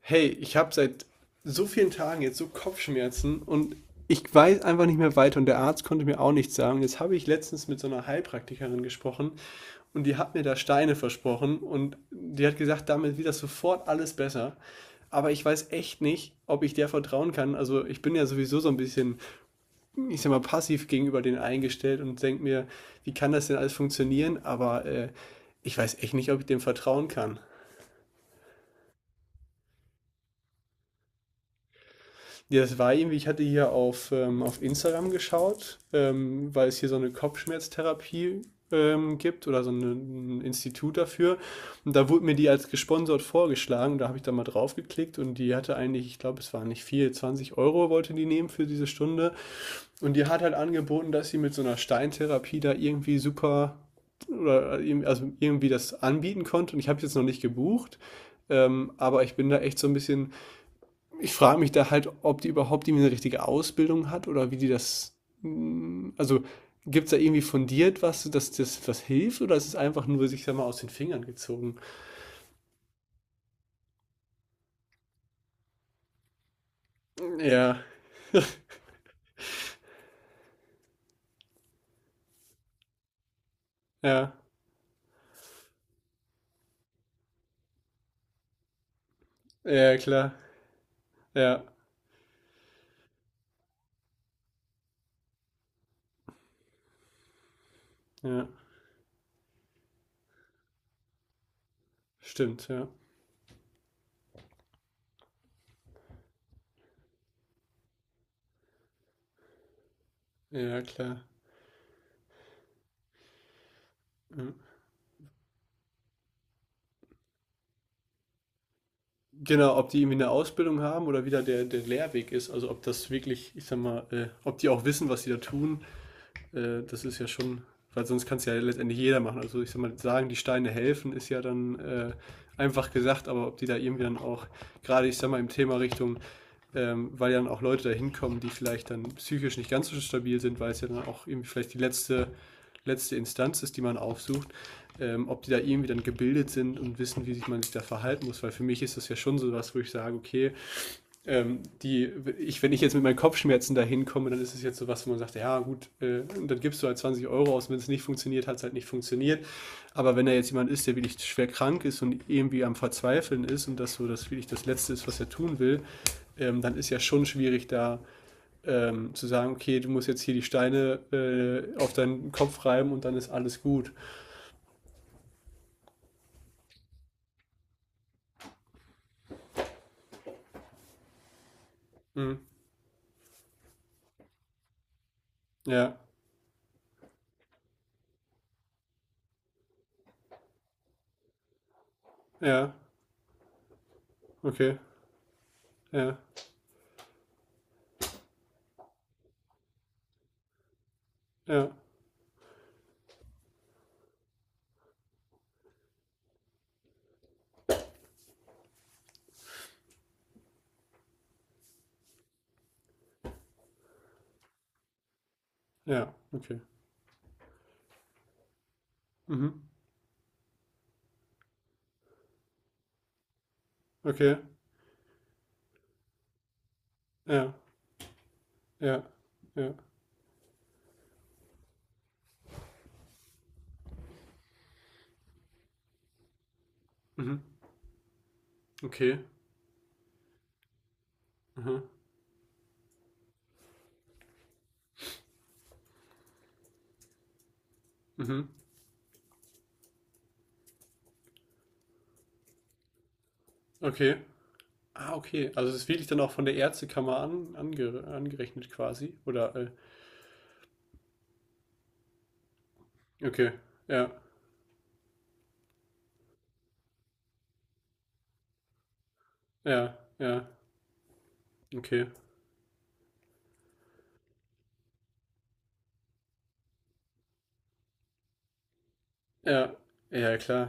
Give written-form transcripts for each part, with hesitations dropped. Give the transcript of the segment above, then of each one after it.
Hey, ich habe seit so vielen Tagen jetzt so Kopfschmerzen und ich weiß einfach nicht mehr weiter und der Arzt konnte mir auch nichts sagen. Jetzt habe ich letztens mit so einer Heilpraktikerin gesprochen und die hat mir da Steine versprochen und die hat gesagt, damit wird das sofort alles besser. Aber ich weiß echt nicht, ob ich der vertrauen kann. Also ich bin ja sowieso so ein bisschen, ich sag mal, passiv gegenüber denen eingestellt und denke mir, wie kann das denn alles funktionieren? Aber ich weiß echt nicht, ob ich dem vertrauen kann. Ja, das war irgendwie, ich hatte hier auf Instagram geschaut, weil es hier so eine Kopfschmerztherapie gibt oder so eine, ein Institut dafür. Und da wurde mir die als gesponsert vorgeschlagen. Da habe ich da mal drauf geklickt und die hatte eigentlich, ich glaube, es war nicht viel, 20 Euro wollte die nehmen für diese Stunde. Und die hat halt angeboten, dass sie mit so einer Steintherapie da irgendwie super oder also irgendwie das anbieten konnte. Und ich habe es jetzt noch nicht gebucht. Aber ich bin da echt so ein bisschen, ich frage mich da halt, ob die überhaupt irgendwie eine richtige Ausbildung hat oder wie die das, also, gibt's da irgendwie fundiert was, dass das was hilft oder ist es einfach nur, sich sage mal, aus den Fingern gezogen? Ja, ja, ja, klar. Ja, ja, stimmt, ja. Ja, klar. Mhm. Genau, ob die irgendwie eine Ausbildung haben oder wie da der Lehrweg ist. Also, ob das wirklich, ich sag mal, ob die auch wissen, was sie da tun. Das ist ja schon, weil sonst kann es ja letztendlich jeder machen. Also ich sag mal, sagen, die Steine helfen, ist ja dann einfach gesagt, aber ob die da irgendwie dann auch, gerade ich sag mal, im Thema Richtung, weil ja dann auch Leute da hinkommen, die vielleicht dann psychisch nicht ganz so stabil sind, weil es ja dann auch irgendwie vielleicht die letzte, letzte Instanz ist, die man aufsucht, ob die da irgendwie dann gebildet sind und wissen, wie sich man sich da verhalten muss, weil für mich ist das ja schon so was, wo ich sage, okay, ähm, die, wenn ich jetzt mit meinen Kopfschmerzen dahin komme, dann ist es jetzt so was, wo man sagt, ja gut, und dann gibst du halt 20 Euro aus, wenn es nicht funktioniert, hat es halt nicht funktioniert. Aber wenn da jetzt jemand ist, der wirklich schwer krank ist und irgendwie am Verzweifeln ist und das wirklich das Letzte ist, was er tun will, dann ist ja schon schwierig da zu sagen, okay, du musst jetzt hier die Steine auf deinen Kopf reiben und dann ist alles gut. Mhm. Ja, ja, okay, ja, ja, ja, okay. Mhm. Okay, ja. Ja, ja. Mhm. Okay. Mhm. Mhm. Okay. Ah, okay. Also es ist wirklich dann auch von der Ärztekammer angerechnet quasi. Oder, okay. Ja, ja, ja. Okay. Ja, ja, klar.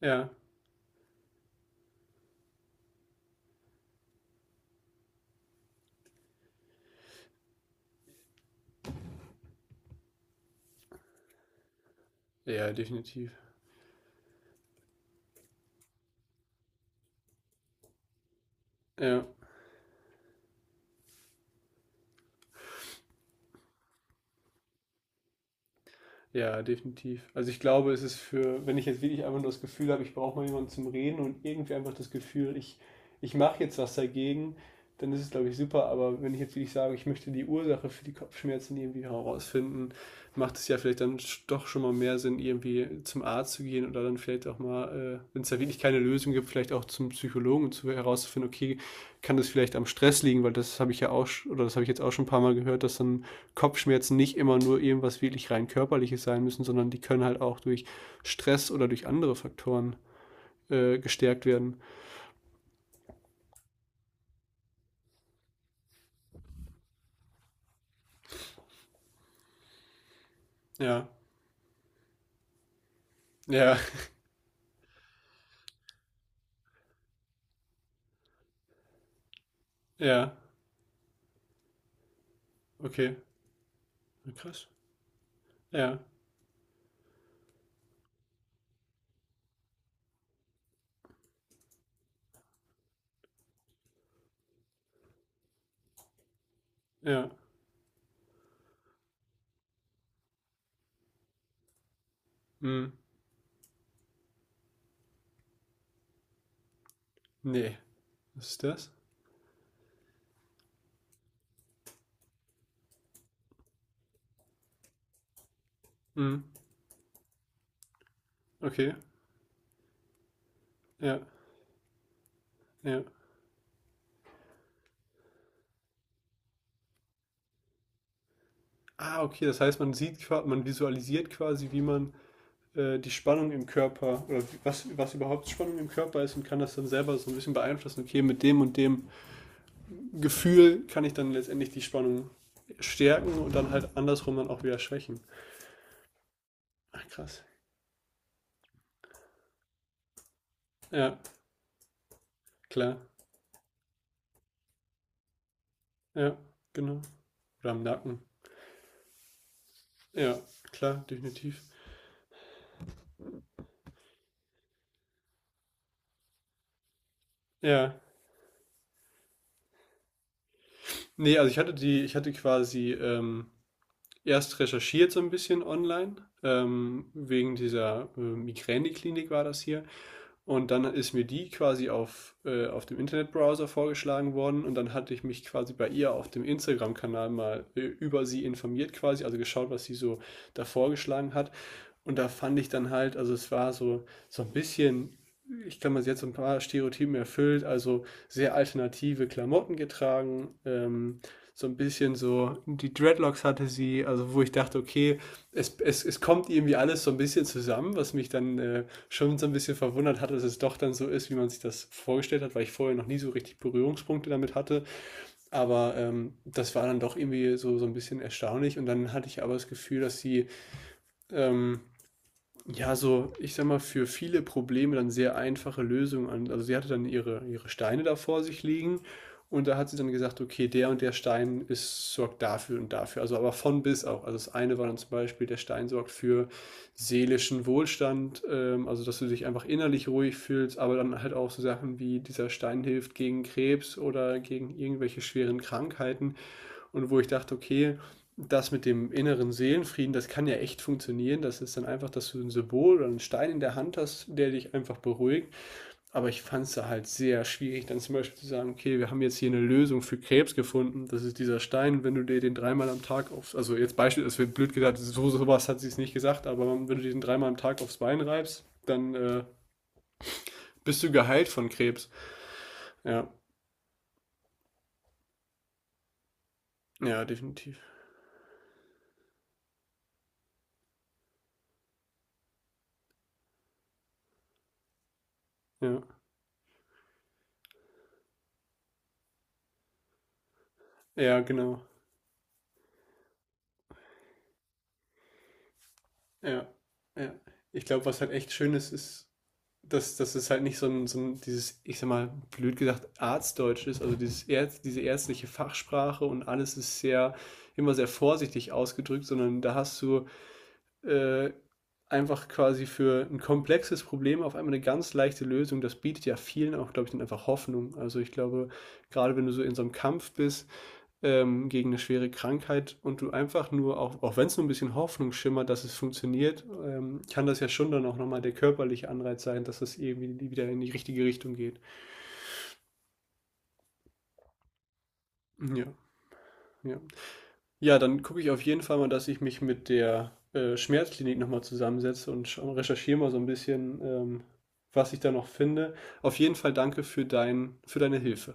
Ja, ja, definitiv. Ja. Ja, definitiv. Also ich glaube, es ist für, wenn ich jetzt wirklich einfach nur das Gefühl habe, ich brauche mal jemanden zum Reden und irgendwie einfach das Gefühl, ich mache jetzt was dagegen, dann ist es, glaube ich, super. Aber wenn ich jetzt wirklich sage, ich möchte die Ursache für die Kopfschmerzen irgendwie herausfinden, macht es ja vielleicht dann doch schon mal mehr Sinn, irgendwie zum Arzt zu gehen oder dann vielleicht auch mal, wenn es da wirklich keine Lösung gibt, vielleicht auch zum Psychologen zu herauszufinden, okay, kann das vielleicht am Stress liegen, weil das habe ich ja auch, oder das habe ich jetzt auch schon ein paar Mal gehört, dass dann Kopfschmerzen nicht immer nur irgendwas wirklich rein körperliches sein müssen, sondern die können halt auch durch Stress oder durch andere Faktoren gestärkt werden. Ja, ja, ja, okay. Ja, krass. Ja, ja. Hm. Nee. Was ist das? Hm. Okay. Ja, ja. Ah, okay. Das heißt, man sieht, man visualisiert quasi, wie man die Spannung im Körper oder was, was überhaupt Spannung im Körper ist und kann das dann selber so ein bisschen beeinflussen. Okay, mit dem und dem Gefühl kann ich dann letztendlich die Spannung stärken und dann halt andersrum dann auch wieder schwächen. Ach, krass. Ja, klar. Ja, genau. Oder am Nacken. Ja, klar, definitiv. Ja. Nee, also ich hatte die, ich hatte quasi erst recherchiert so ein bisschen online, wegen dieser Migräneklinik war das hier. Und dann ist mir die quasi auf dem Internetbrowser vorgeschlagen worden und dann hatte ich mich quasi bei ihr auf dem Instagram-Kanal mal über sie informiert quasi, also geschaut, was sie so da vorgeschlagen hat. Und da fand ich dann halt, also es war so, so ein bisschen, ich kann man jetzt so ein paar Stereotypen erfüllt, also sehr alternative Klamotten getragen, so ein bisschen so, die Dreadlocks hatte sie, also wo ich dachte, okay, es kommt irgendwie alles so ein bisschen zusammen, was mich dann schon so ein bisschen verwundert hat, dass es doch dann so ist, wie man sich das vorgestellt hat, weil ich vorher noch nie so richtig Berührungspunkte damit hatte. Aber das war dann doch irgendwie so, so ein bisschen erstaunlich. Und dann hatte ich aber das Gefühl, dass sie ähm, ja, so, ich sag mal, für viele Probleme dann sehr einfache Lösungen an. Also sie hatte dann ihre Steine da vor sich liegen und da hat sie dann gesagt, okay, der und der Stein ist, sorgt dafür und dafür. Also aber von bis auch. Also das eine war dann zum Beispiel, der Stein sorgt für seelischen Wohlstand, also dass du dich einfach innerlich ruhig fühlst, aber dann halt auch so Sachen wie dieser Stein hilft gegen Krebs oder gegen irgendwelche schweren Krankheiten. Und wo ich dachte, okay, das mit dem inneren Seelenfrieden, das kann ja echt funktionieren. Das ist dann einfach, dass du ein Symbol oder einen Stein in der Hand hast, der dich einfach beruhigt. Aber ich fand es da halt sehr schwierig, dann zum Beispiel zu sagen, okay, wir haben jetzt hier eine Lösung für Krebs gefunden. Das ist dieser Stein, wenn du dir den 3-mal am Tag aufs, also jetzt Beispiel, es wird blöd gesagt, so sowas hat sie es nicht gesagt, aber wenn du dir den dreimal am Tag aufs Bein reibst, dann bist du geheilt von Krebs. Ja, ja, definitiv. Ja, ja, genau. Ja, ja. Ich glaube, was halt echt schön ist, ist, dass, dass es halt nicht so ein, so ein, dieses, ich sag mal, blöd gesagt, Arztdeutsch ist, also diese ärztliche Fachsprache und alles ist sehr, immer sehr vorsichtig ausgedrückt, sondern da hast du äh, einfach quasi für ein komplexes Problem auf einmal eine ganz leichte Lösung. Das bietet ja vielen auch, glaube ich, dann einfach Hoffnung. Also ich glaube, gerade wenn du so in so einem Kampf bist, gegen eine schwere Krankheit und du einfach nur auch wenn es nur ein bisschen Hoffnung schimmert, dass es funktioniert, kann das ja schon dann auch noch mal der körperliche Anreiz sein, dass es irgendwie wieder in die richtige Richtung geht. Ja, ja. Ja, dann gucke ich auf jeden Fall mal, dass ich mich mit der Schmerzklinik noch mal zusammensetze und schau recherchiere mal so ein bisschen, was ich da noch finde. Auf jeden Fall danke für dein für deine Hilfe.